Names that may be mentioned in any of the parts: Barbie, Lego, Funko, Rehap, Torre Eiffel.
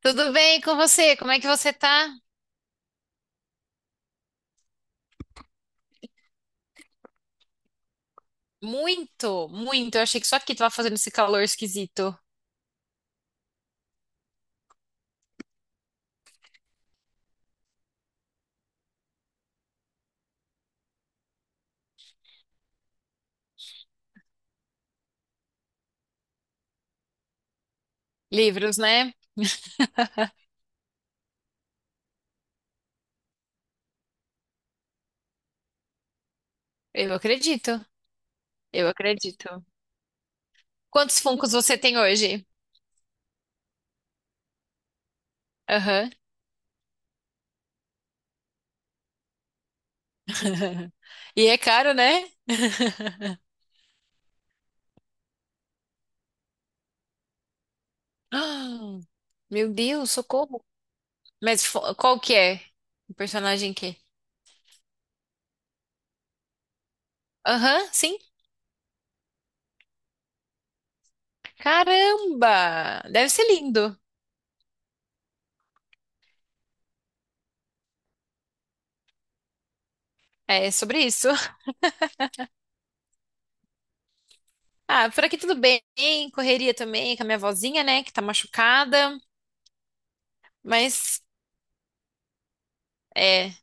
Tudo bem com você? Como é que você tá? Muito, muito. Eu achei que só aqui tava fazendo esse calor esquisito. Livros, né? Eu acredito. Eu acredito. Quantos Funkos você tem hoje? Aham. E é caro, né? Ah, meu Deus, socorro. Mas qual que é? O personagem que? Aham, sim. Caramba! Deve ser lindo. É sobre isso. Ah, por aqui tudo bem. Correria também com a minha vozinha, né, que tá machucada. Mas é,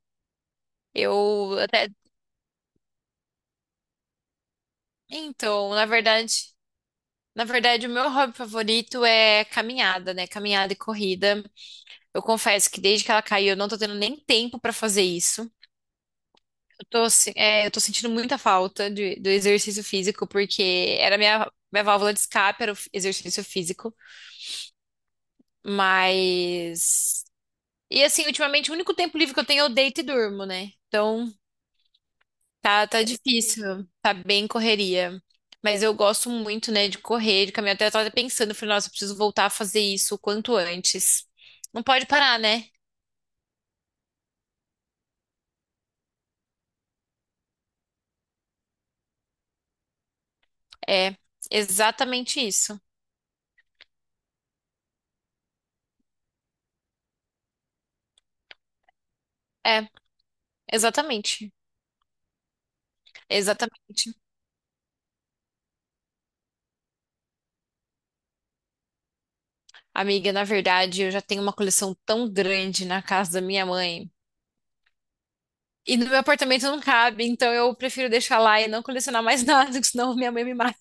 eu até. Então, na verdade, o meu hobby favorito é caminhada, né? Caminhada e corrida. Eu confesso que desde que ela caiu, eu não tô tendo nem tempo pra fazer isso. Eu tô, se- é, eu tô sentindo muita falta do exercício físico, porque era minha válvula de escape, era o exercício físico. Mas. E assim, ultimamente, o único tempo livre que eu tenho é eu deito e durmo, né? Então. Tá difícil, tá bem correria. Mas eu gosto muito, né, de correr, de caminhar. Até eu tava pensando, falei, nossa, eu preciso voltar a fazer isso o quanto antes. Não pode parar, né? É, exatamente isso. É, exatamente. Exatamente. Amiga, na verdade, eu já tenho uma coleção tão grande na casa da minha mãe. E no meu apartamento não cabe, então eu prefiro deixar lá e não colecionar mais nada, porque senão minha mãe me mata.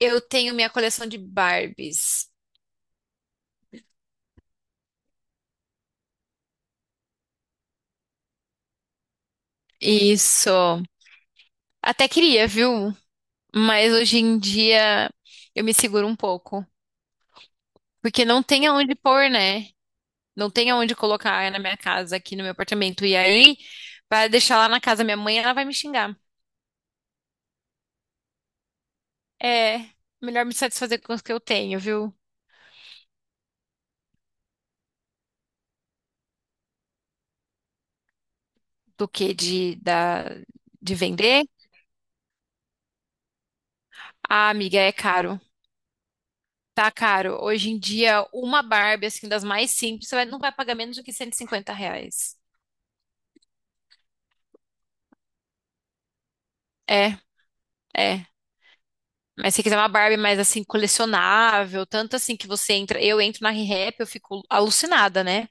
Eu tenho minha coleção de Barbies. Isso. Até queria, viu? Mas hoje em dia eu me seguro um pouco. Porque não tem aonde pôr, né? Não tem aonde colocar na minha casa, aqui no meu apartamento. E aí, para deixar lá na casa da minha mãe, ela vai me xingar. É melhor me satisfazer com os que eu tenho, viu? Do que de vender. Ah, amiga, é caro. Tá caro. Hoje em dia, uma Barbie, assim, das mais simples, você vai- não vai pagar menos do que R$ 150. É, é. Mas se quiser uma Barbie mais assim, colecionável, tanto assim que você entra, eu entro na Rehap, eu fico alucinada, né?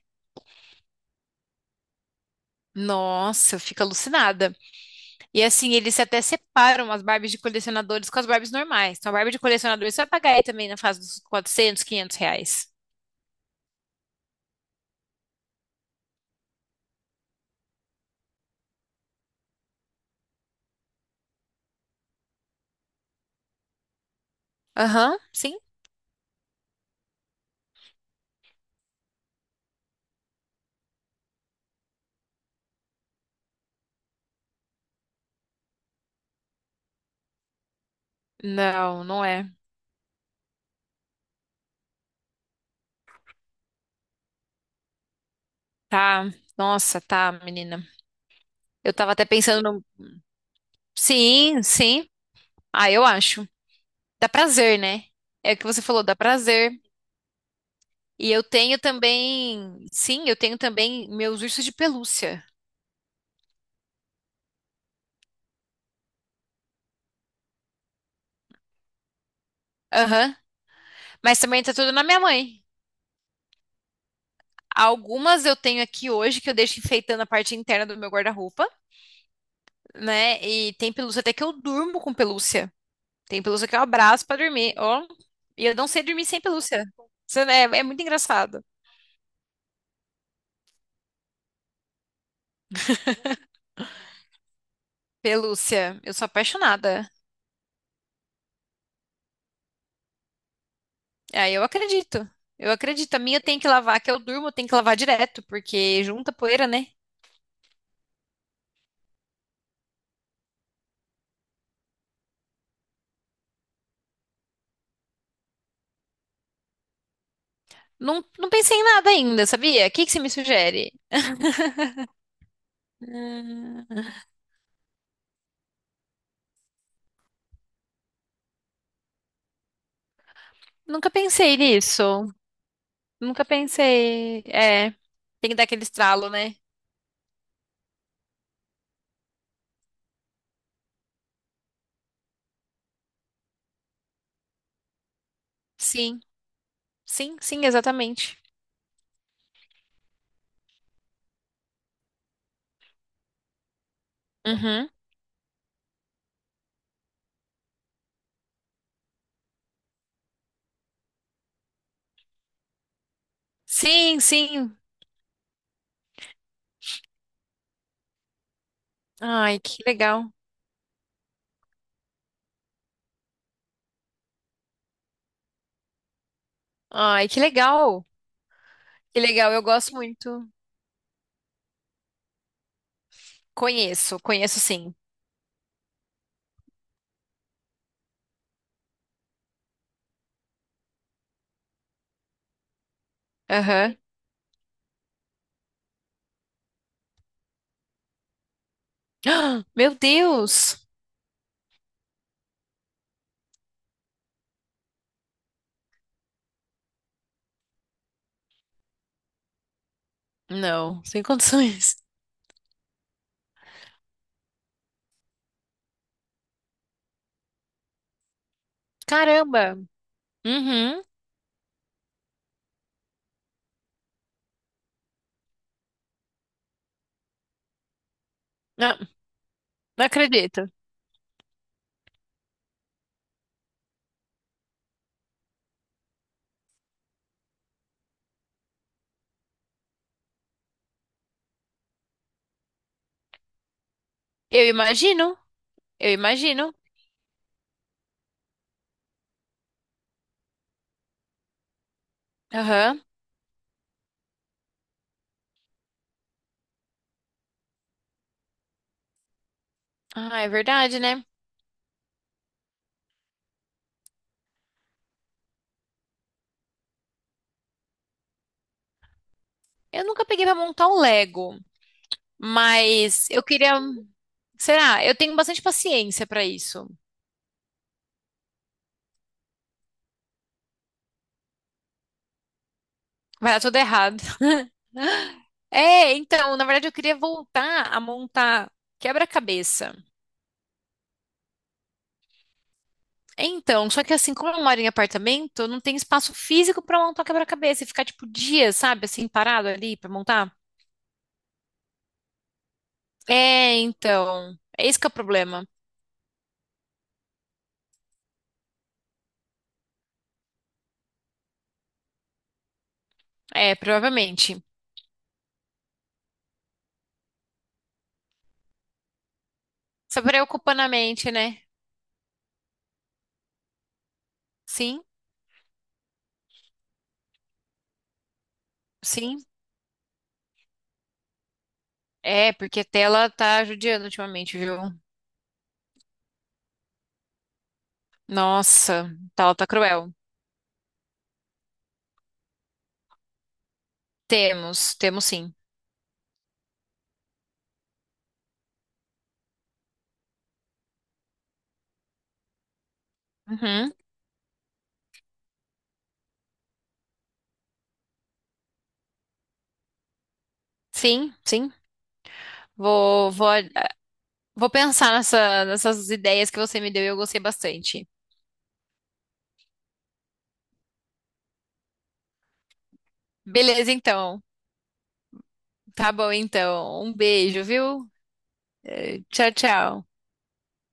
Nossa, eu fico alucinada. E assim, eles até separam as Barbies de colecionadores com as Barbies normais. Então, a Barbie de colecionador você vai pagar aí também na fase dos R$ 400, R$ 500. Aham, sim. Não, não é. Tá. Nossa, tá, menina. Eu tava até pensando no... Sim, sim. Ah, eu acho. Dá prazer, né? É o que você falou, dá prazer. E eu tenho também, sim, eu tenho também meus ursos de pelúcia. Aham. Mas também tá tudo na minha mãe. Algumas eu tenho aqui hoje que eu deixo enfeitando a parte interna do meu guarda-roupa, né? E tem pelúcia até que eu durmo com pelúcia. Tem pelúcia que eu abraço pra dormir, ó. E eu não sei dormir sem pelúcia. Isso. É muito engraçado. Pelúcia, eu sou apaixonada. Aí eu acredito. Eu acredito. A minha eu tenho que lavar, que eu durmo, eu tenho que lavar direto, porque junta poeira, né? Não, não pensei em nada ainda, sabia? O que que você me sugere? Hum, Nunca pensei nisso. Nunca pensei. É, tem que dar aquele estralo, né? Sim, sim, sim, exatamente. Uhum. Sim, sim. Ai, que legal. Ai, que legal. Que legal, eu gosto muito. Conheço, conheço sim. Aham. Ah, meu Deus! Não, sem condições. Caramba! Uhum. Não, não acredito. Eu imagino, eu imagino. Aham. Ah, é verdade, né? Eu nunca peguei pra montar um Lego, mas eu queria. Será? Eu tenho bastante paciência pra isso. Vai dar tudo errado. É, então, na verdade, eu queria voltar a montar quebra-cabeça. Então, só que assim, como eu moro em apartamento, não tem espaço físico pra montar quebra-cabeça e ficar tipo dias, sabe, assim, parado ali pra montar. É, então, é esse que é o problema. É, provavelmente. Só preocupando a mente, né? Sim, sim, é, porque tela tá judiando ultimamente, viu? Nossa, tela tá cruel. Temos, temos sim. Uhum, sim, sim. Vou, vou, vou pensar nessas ideias que você me deu e eu gostei bastante. Beleza, então. Tá bom, então. Um beijo, viu? Tchau, tchau.